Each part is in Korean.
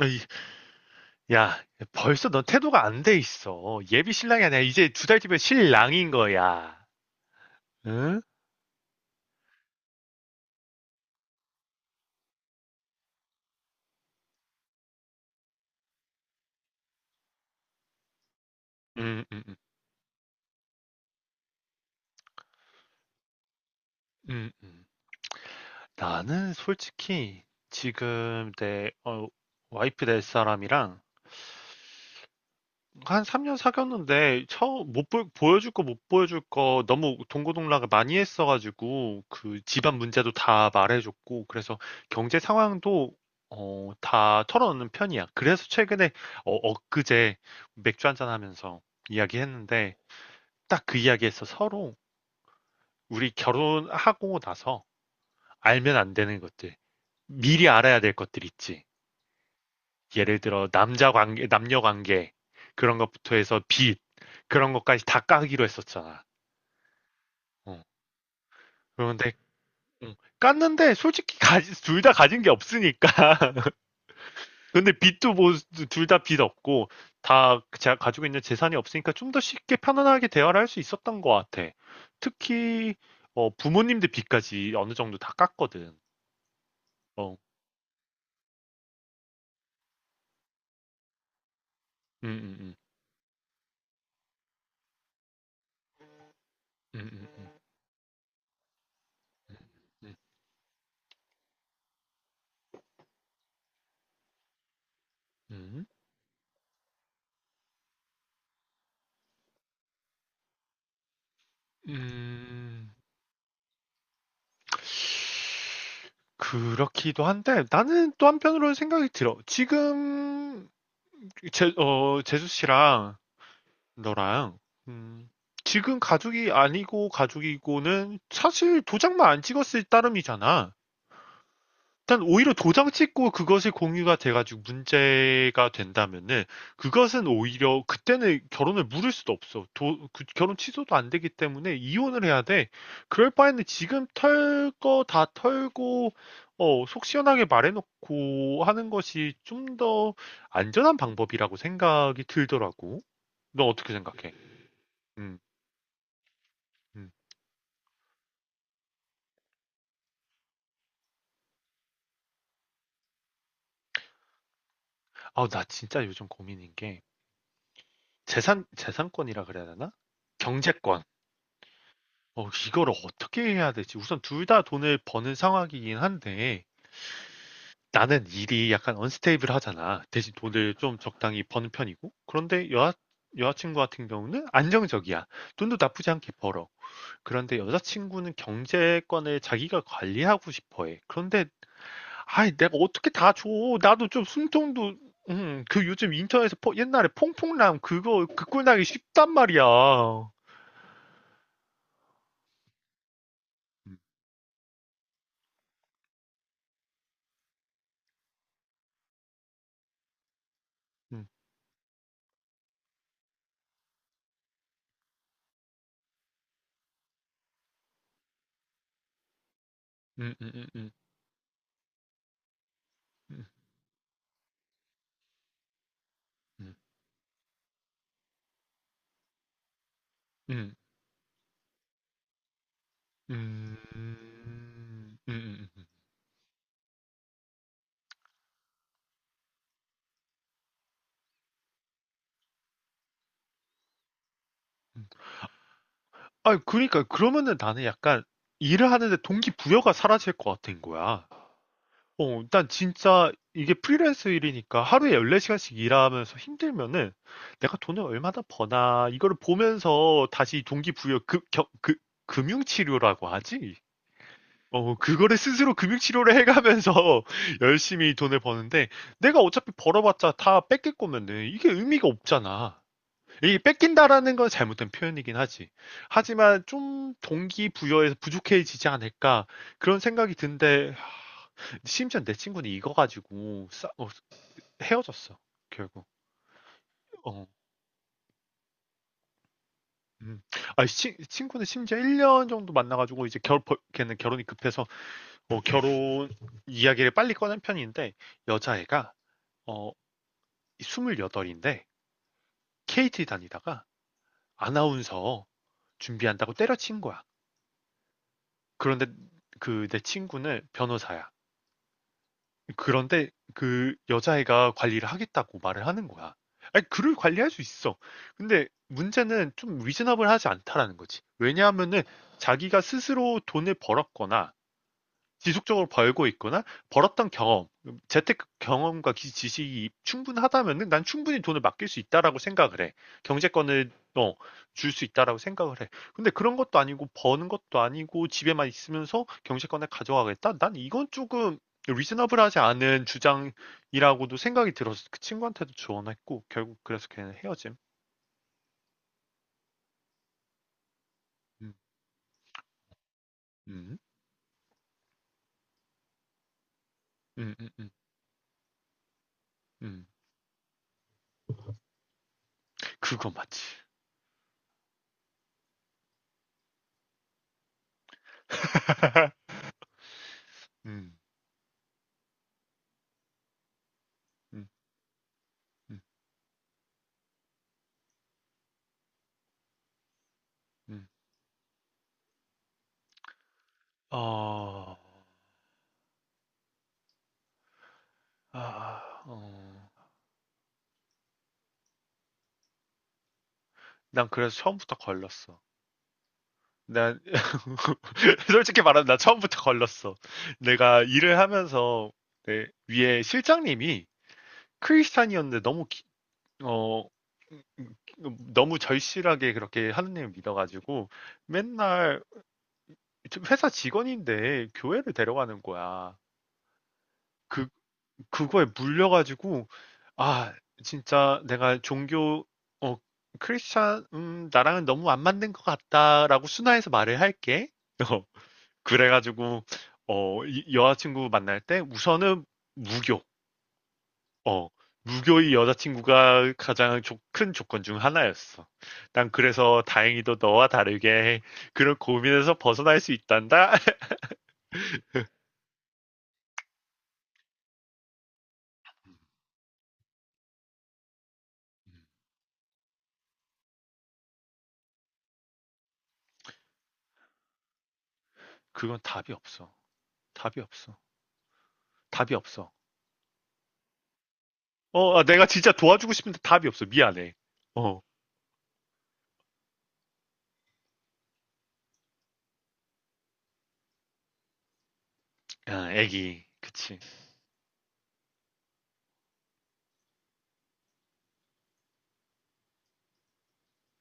어이, 야, 벌써 넌 태도가 안 돼 있어. 예비 신랑이 아니야. 이제 두 달 뒤면 신랑인 거야. 응? 음, 음, 음, 음, 음. 나는 솔직히 지금 내 와이프 될 사람이랑 한 3년 사귀었는데 처음 못 보, 보여줄 거 못 보여줄 거 너무 동고동락을 많이 했어가지고 그 집안 문제도 다 말해줬고 그래서 경제 상황도 다 털어놓는 편이야. 그래서 최근에 엊그제 맥주 한잔 하면서 이야기했는데 딱 그 이야기에서 서로 우리 결혼하고 나서 알면 안 되는 것들 미리 알아야 될 것들 있지. 예를 들어 남자 관계, 남녀 관계 그런 것부터 해서 빚 그런 것까지 다 까기로 했었잖아. 어. 그런데 깠는데 솔직히 둘 다 가진 게 없으니까. 근데 빚도 뭐 둘 다 빚 없고 다 제가 가지고 있는 재산이 없으니까 좀 더 쉽게 편안하게 대화를 할 수 있었던 것 같아. 특히 부모님들 빚까지 어느 정도 다 깠거든. 어, 음, 음, 음, 음, 음, 음, 음, 음, 음. 그렇기도 한데 나는 또 한편으로는 생각이 들어. 지금 제수 씨랑 너랑 음, 지금 가족이 아니고 가족이고는 사실 도장만 안 찍었을 따름이잖아. 일단 오히려 도장 찍고 그것이 공유가 돼가지고 문제가 된다면은 그것은 오히려 그때는 결혼을 물을 수도 없어. 그 결혼 취소도 안 되기 때문에 이혼을 해야 돼. 그럴 바에는 지금 털 거 다 털고 속 시원하게 말해놓고 하는 것이 좀 더 안전한 방법이라고 생각이 들더라고. 너 어떻게 생각해? 음, 음. 아, 나 진짜 요즘 고민인 게 재산 재산권이라 그래야 되나? 경제권. 이걸 어떻게 해야 되지? 우선 둘 다 돈을 버는 상황이긴 한데, 나는 일이 약간 언스테이블하잖아. 대신 돈을 좀 적당히 버는 편이고. 그런데 여자친구 같은 경우는 안정적이야. 돈도 나쁘지 않게 벌어. 그런데 여자친구는 경제권을 자기가 관리하고 싶어 해. 그런데, 아이, 내가 어떻게 다 줘? 나도 좀 숨통도, 그 요즘 인터넷에서 옛날에 퐁퐁남 그 꼴 나기 쉽단 말이야. 음, 음, 음, 음, 음, 음, 음. 음. 음. 음. 음. 음. 아 그러니까 그러면은 나는 약간 일을 하는데 동기부여가 사라질 것 같은 거야. 난 진짜 이게 프리랜서 일이니까 하루에 14시간씩 일하면서 힘들면은 내가 돈을 얼마나 버나 이거를 보면서 다시 동기부여 그 금융치료라고 하지? 그거를 스스로 금융치료를 해가면서 열심히 돈을 버는데 내가 어차피 벌어봤자 다 뺏길 거면은 이게 의미가 없잖아. 이 뺏긴다라는 건 잘못된 표현이긴 하지. 하지만 좀 동기부여에서 부족해지지 않을까 그런 생각이 든데 심지어 내 친구는 이거 가지고 헤어졌어 결국. 어. 음. 아, 친구는 심지어 1년 정도 만나가지고 이제 걔는 결혼이 급해서 결혼 이야기를 빨리 꺼낸 편인데 여자애가 어, 28인데 케 케이티 다니다가 아나운서 준비한다고 때려친 거야. 그런데 그 내 친구는 변호사야. 그런데 그 여자애가 관리를 하겠다고 말을 하는 거야. 아니, 그를 관리할 수 있어. 근데 문제는 좀 리즈너블하지 않다라는 거지. 왜냐하면은 자기가 스스로 돈을 벌었거나 지속적으로 벌고 있거나 벌었던 경험, 재테크 경험과 지식이 충분하다면은 난 충분히 돈을 맡길 수 있다라고 생각을 해. 경제권을 어, 줄 수 있다라고 생각을 해. 근데 그런 것도 아니고 버는 것도 아니고 집에만 있으면서 경제권을 가져가겠다? 난 이건 조금 리즈너블하지 않은 주장이라고도 생각이 들어서 그 친구한테도 조언했고 결국 그래서 걔는 헤어짐. 음, 음, 음, 음, 음, 음. 그거 맞지. 음, 음, 음, 음. 어. 아, 어. 난 그래서 처음부터 걸렸어. 난 솔직히 말하면 나 처음부터 걸렸어. 내가 일을 하면서 내 위에 실장님이 크리스찬이었는데 너무 어 음, 너무 절실하게 그렇게 하느님을 믿어가지고 맨날 회사 직원인데 교회를 데려가는 거야. 그 그거에 물려가지고 아 진짜 내가 종교 어 크리스찬 나랑은 너무 안 맞는 것 같다라고 순화해서 말을 할게. 어, 그래가지고 여자친구 만날 때 우선은 무교 어 무교의 여자친구가 가장 큰 조건 중 하나였어. 난 그래서 다행히도 너와 다르게 그런 고민에서 벗어날 수 있단다. 그건 답이 없어. 답이 없어. 답이 없어. 아, 내가 진짜 도와주고 싶은데 답이 없어. 미안해. 어, 아, 애기. 그치.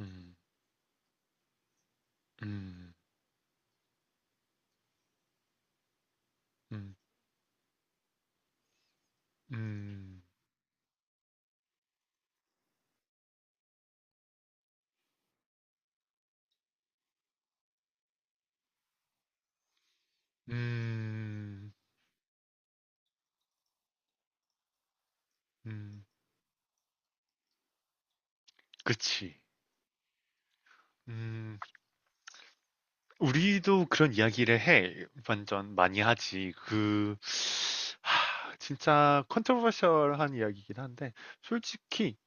음, 음, 음, 음, 음, 음, 그치. 음, 우리도 그런 이야기를 해. 완전 많이 하지. 진짜 컨트로버셜한 이야기이긴 한데, 솔직히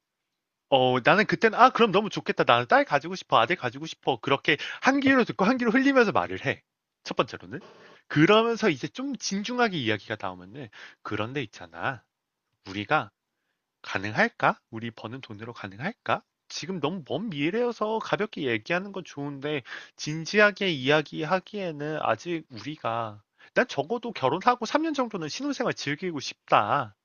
나는 그때는, 아, 그럼 너무 좋겠다. 나는 딸 가지고 싶어. 아들 가지고 싶어. 그렇게 한 귀로 듣고 한 귀로 흘리면서 말을 해. 첫 번째로는. 그러면서 이제 좀 진중하게 이야기가 나오면은, 그런데 있잖아. 우리가 가능할까? 우리 버는 돈으로 가능할까? 지금 너무 먼 미래여서 가볍게 얘기하는 건 좋은데, 진지하게 이야기하기에는 아직 우리가, 난 적어도 결혼하고 3년 정도는 신혼생활 즐기고 싶다.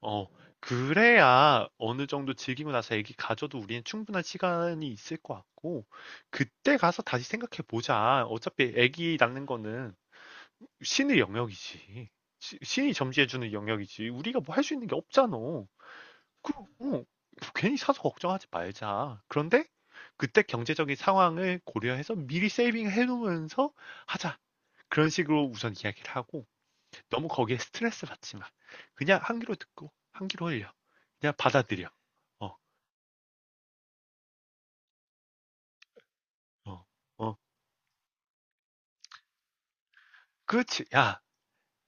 어, 그래야 어느 정도 즐기고 나서 애기 가져도 우리는 충분한 시간이 있을 것 같고, 그때 가서 다시 생각해 보자. 어차피 애기 낳는 거는 신의 영역이지. 신이 점지해주는 영역이지. 우리가 뭐 할 수 있는 게 없잖아. 그, 어, 괜히 사서 걱정하지 말자. 그런데 그때 경제적인 상황을 고려해서 미리 세이빙 해놓으면서 하자. 그런 식으로 우선 이야기를 하고, 너무 거기에 스트레스 받지 마. 그냥 한 귀로 듣고 한 귀로 흘려. 그냥 받아들여. 어, 어, 어. 그렇지. 야,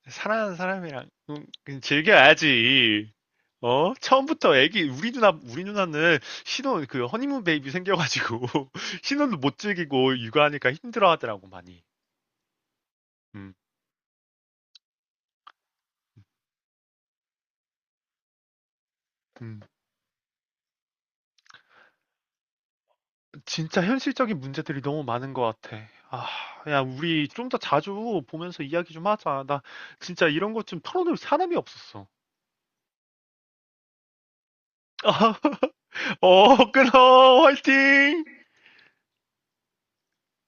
사랑하는 사람이랑 그냥 즐겨야지. 어? 처음부터 애기 우리 누나는 신혼 그 허니문 베이비 생겨가지고 신혼도 못 즐기고 육아하니까 힘들어하더라고 많이. 음, 음. 진짜 현실적인 문제들이 너무 많은 것 같아. 아, 야, 우리 좀 더 자주 보면서 이야기 좀 하자. 나 진짜 이런 것 좀 털어놓을 사람이 없었어. 어, 어, 끊어. 화이팅!